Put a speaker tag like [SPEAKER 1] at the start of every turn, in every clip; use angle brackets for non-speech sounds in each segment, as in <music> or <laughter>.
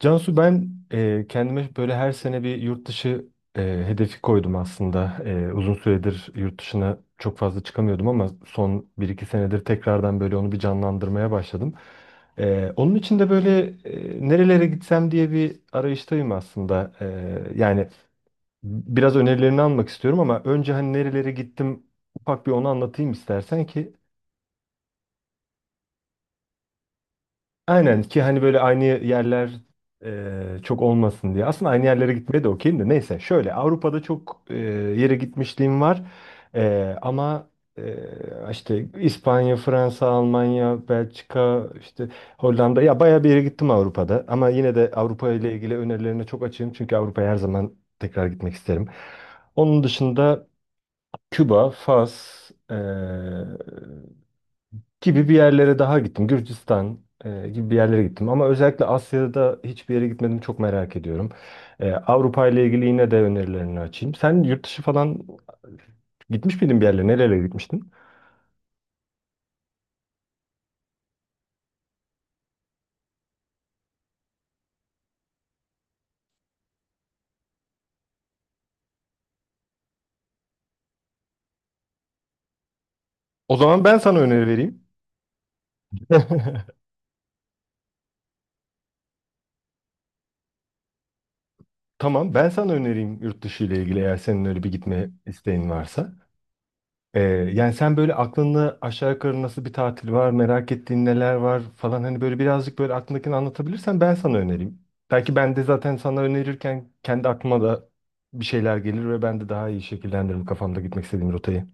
[SPEAKER 1] Cansu, ben kendime böyle her sene bir yurt dışı e, hedefi koydum aslında. Uzun süredir yurt dışına çok fazla çıkamıyordum ama son bir iki senedir tekrardan böyle onu bir canlandırmaya başladım. Onun için de böyle nerelere gitsem diye bir arayıştayım aslında. Yani biraz önerilerini almak istiyorum ama önce hani nerelere gittim, ufak bir onu anlatayım istersen ki. Aynen, ki hani böyle aynı yerler çok olmasın diye. Aslında aynı yerlere gitmeye de okeyim de neyse. Şöyle Avrupa'da çok yere gitmişliğim var. E, ama işte İspanya, Fransa, Almanya, Belçika, işte Hollanda ya, bayağı bir yere gittim Avrupa'da. Ama yine de Avrupa ile ilgili önerilerine çok açığım. Çünkü Avrupa'ya her zaman tekrar gitmek isterim. Onun dışında Küba, Fas, gibi bir yerlere daha gittim. Gürcistan gibi bir yerlere gittim. Ama özellikle Asya'da hiçbir yere gitmedim. Çok merak ediyorum. Avrupa ile ilgili yine de önerilerini açayım. Sen yurt dışı falan gitmiş miydin bir yerlere? Nerelere gitmiştin? O zaman ben sana öneri vereyim. <laughs> Tamam, ben sana önereyim yurt dışı ile ilgili eğer senin öyle bir gitme isteğin varsa. Ee, Yani sen böyle aklında aşağı yukarı nasıl bir tatil var, merak ettiğin neler var falan, hani böyle birazcık böyle aklındakini anlatabilirsen ben sana önereyim. Belki ben de zaten sana önerirken kendi aklıma da bir şeyler gelir ve ben de daha iyi şekillendiririm kafamda gitmek istediğim rotayı.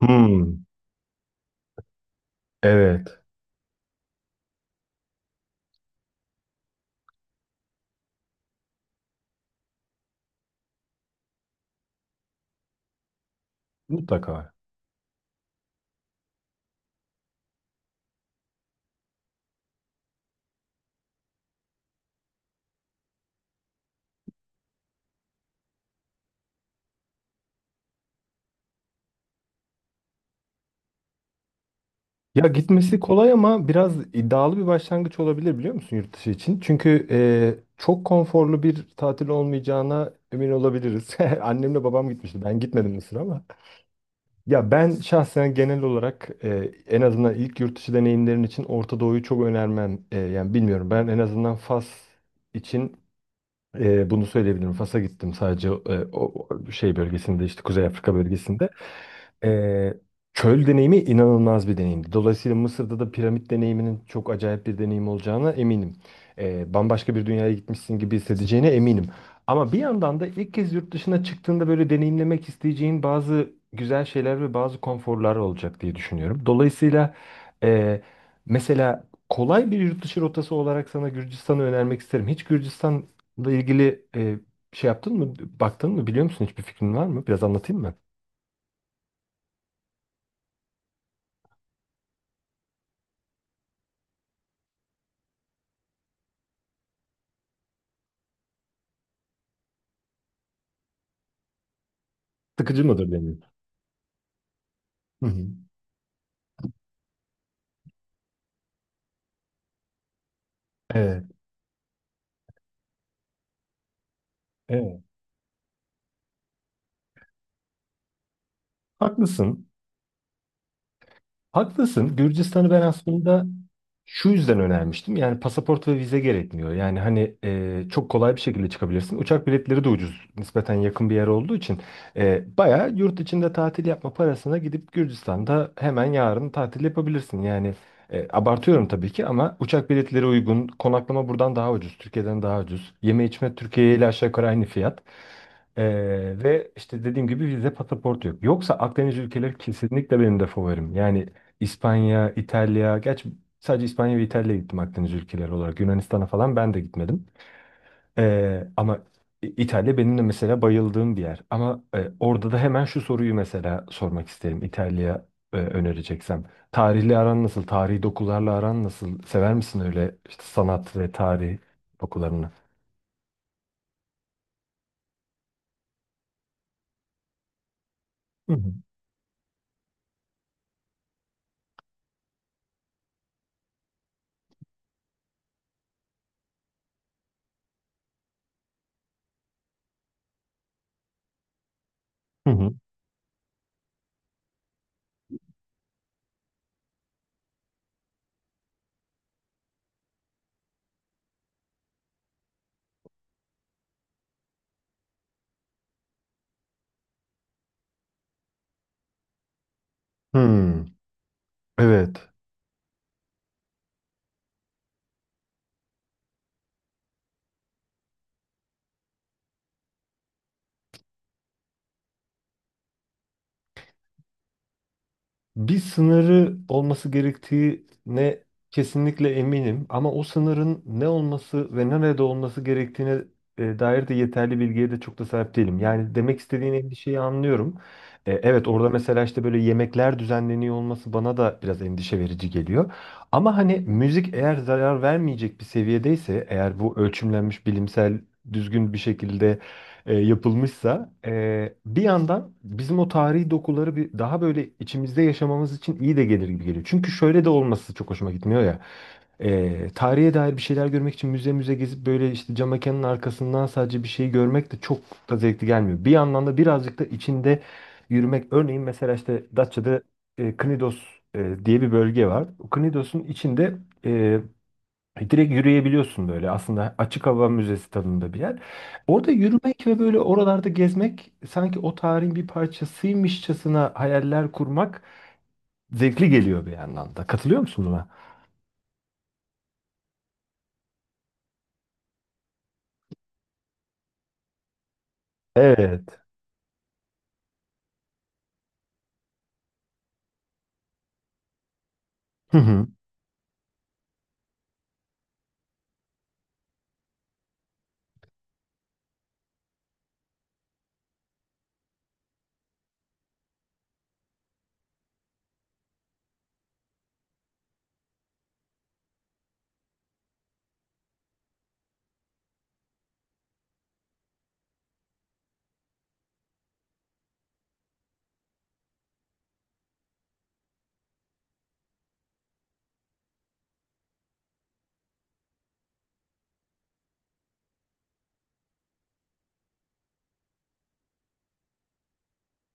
[SPEAKER 1] Hmm, evet, mutlaka. Ya gitmesi kolay ama biraz iddialı bir başlangıç olabilir, biliyor musun, yurt dışı için? Çünkü çok konforlu bir tatil olmayacağına emin olabiliriz. <laughs> Annemle babam gitmişti. Ben gitmedim Mısır ama. Ya ben şahsen genel olarak en azından ilk yurt dışı deneyimlerin için Orta Doğu'yu çok önermem. Yani bilmiyorum, ben en azından Fas için bunu söyleyebilirim. Fas'a gittim sadece, e, o o şey bölgesinde, işte Kuzey Afrika bölgesinde. E, Çöl deneyimi inanılmaz bir deneyimdi. Dolayısıyla Mısır'da da piramit deneyiminin çok acayip bir deneyim olacağına eminim. Bambaşka bir dünyaya gitmişsin gibi hissedeceğine eminim. Ama bir yandan da ilk kez yurt dışına çıktığında böyle deneyimlemek isteyeceğin bazı güzel şeyler ve bazı konforlar olacak diye düşünüyorum. Dolayısıyla e, mesela kolay bir yurt dışı rotası olarak sana Gürcistan'ı önermek isterim. Hiç Gürcistan bununla ilgili şey yaptın mı, baktın mı, biliyor musun? Hiçbir fikrin var mı? Biraz anlatayım mı? Sıkıcı mıdır deneyim? Hı hı. Evet, evet. Haklısın. Haklısın. Gürcistan'ı ben aslında şu yüzden önermiştim. Yani pasaport ve vize gerekmiyor. Yani hani çok kolay bir şekilde çıkabilirsin. Uçak biletleri de ucuz. Nispeten yakın bir yer olduğu için bayağı yurt içinde tatil yapma parasına gidip Gürcistan'da hemen yarın tatil yapabilirsin. Yani abartıyorum tabii ki ama uçak biletleri uygun. Konaklama buradan daha ucuz. Türkiye'den daha ucuz. Yeme içme Türkiye ile aşağı yukarı aynı fiyat. E, Ve işte dediğim gibi vize pasaport yok. Yoksa Akdeniz ülkeleri kesinlikle benim de favorim. Yani İspanya, İtalya. Gerçi sadece İspanya ve İtalya'ya gittim Akdeniz ülkeleri olarak. Yunanistan'a falan ben de gitmedim. Ee, ama İtalya benim de mesela bayıldığım bir yer. Ama orada da hemen şu soruyu mesela sormak isterim. İtalya önereceksem. Tarihle aran nasıl? Tarihi dokularla aran nasıl? Sever misin öyle işte sanat ve tarih dokularını? Hı hı. Hı hı. Hmm, evet. Bir sınırı olması gerektiğine kesinlikle eminim ama o sınırın ne olması ve nerede olması gerektiğine dair de yeterli bilgiye de çok da sahip değilim. Yani demek istediğin endişeyi anlıyorum. Evet, orada mesela işte böyle yemekler düzenleniyor olması bana da biraz endişe verici geliyor. Ama hani müzik eğer zarar vermeyecek bir seviyedeyse, eğer bu ölçümlenmiş, bilimsel, düzgün bir şekilde yapılmışsa, bir yandan bizim o tarihi dokuları bir daha böyle içimizde yaşamamız için iyi de gelir gibi geliyor. Çünkü şöyle de olması çok hoşuma gitmiyor ya. Tarihe dair bir şeyler görmek için müze müze gezip böyle işte cam mekanın arkasından sadece bir şey görmek de çok da zevkli gelmiyor. Bir yandan da birazcık da içinde yürümek. Örneğin mesela işte Datça'da Knidos diye bir bölge var. Knidos'un içinde e, direkt yürüyebiliyorsun, böyle aslında açık hava müzesi tadında bir yer. Orada yürümek ve böyle oralarda gezmek, sanki o tarihin bir parçasıymışçasına hayaller kurmak zevkli geliyor bir yandan da. Katılıyor musun buna? Evet. Hı hı.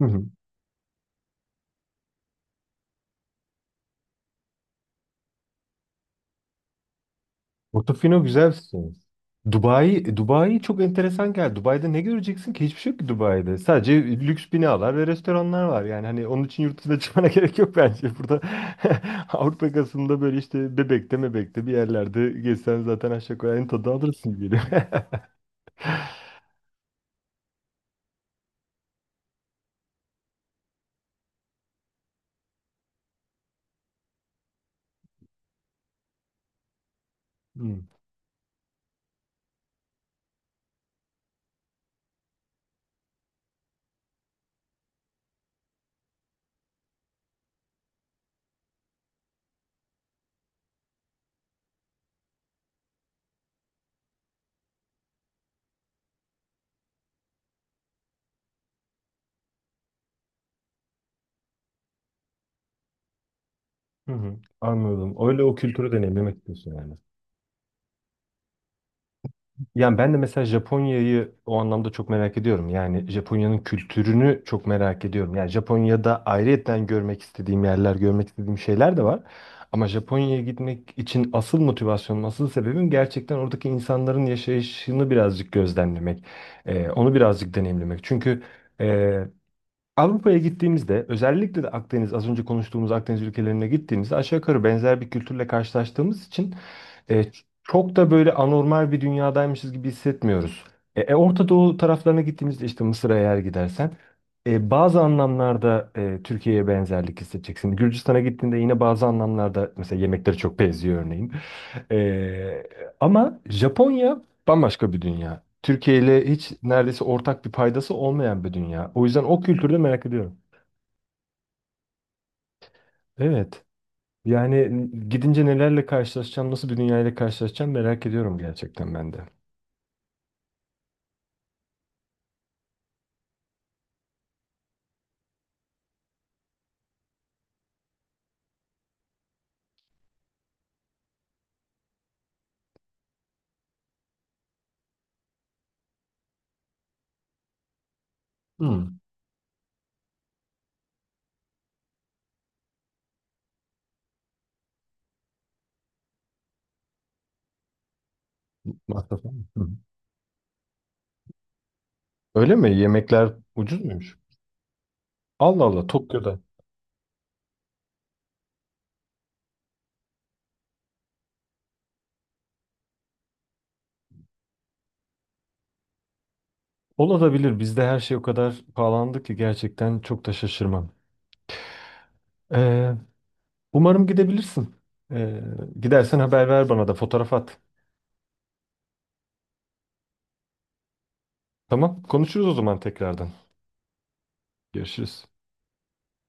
[SPEAKER 1] Hı hı. Portofino güzel bir şey. Dubai, Dubai çok enteresan geldi. Dubai'de ne göreceksin ki? Hiçbir şey yok ki Dubai'de. Sadece lüks binalar ve restoranlar var. Yani hani onun için yurt dışına çıkmana <laughs> gerek yok bence. Burada <laughs> Avrupa yakasında böyle işte Bebek'te Mebek'te bir yerlerde gezsen zaten aşağı yukarı aynı tadı alırsın gibi geliyor. <laughs> Hmm. Hı hı, anladım. Öyle o kültürü deneyimlemek istiyorsun yani. Yani ben de mesela Japonya'yı o anlamda çok merak ediyorum. Yani Japonya'nın kültürünü çok merak ediyorum. Yani Japonya'da ayrıyeten görmek istediğim yerler, görmek istediğim şeyler de var. Ama Japonya'ya gitmek için asıl motivasyonum, asıl sebebim gerçekten oradaki insanların yaşayışını birazcık gözlemlemek. Onu birazcık deneyimlemek. Çünkü e, Avrupa'ya gittiğimizde, özellikle de Akdeniz, az önce konuştuğumuz Akdeniz ülkelerine gittiğimizde aşağı yukarı benzer bir kültürle karşılaştığımız için çok da böyle anormal bir dünyadaymışız gibi hissetmiyoruz. Orta Doğu taraflarına gittiğimizde işte Mısır'a eğer gidersen bazı anlamlarda Türkiye'ye benzerlik hissedeceksin. Gürcistan'a gittiğinde yine bazı anlamlarda mesela yemekleri çok benziyor örneğin. E, Ama Japonya bambaşka bir dünya. Türkiye ile hiç neredeyse ortak bir paydası olmayan bir dünya. O yüzden o kültürü de merak ediyorum. Evet. Yani gidince nelerle karşılaşacağım, nasıl bir dünyayla karşılaşacağım, merak ediyorum gerçekten ben de. Hmm. <laughs> Masraf mı? Hı. Öyle mi? Yemekler ucuz muymuş? Allah Allah, Tokyo'da. Olabilir. Bizde her şey o kadar pahalandı ki gerçekten çok da şaşırmam. Ee, Umarım gidebilirsin. Ee, Gidersen haber ver bana da, fotoğraf at. Tamam. Konuşuruz o zaman tekrardan. Görüşürüz.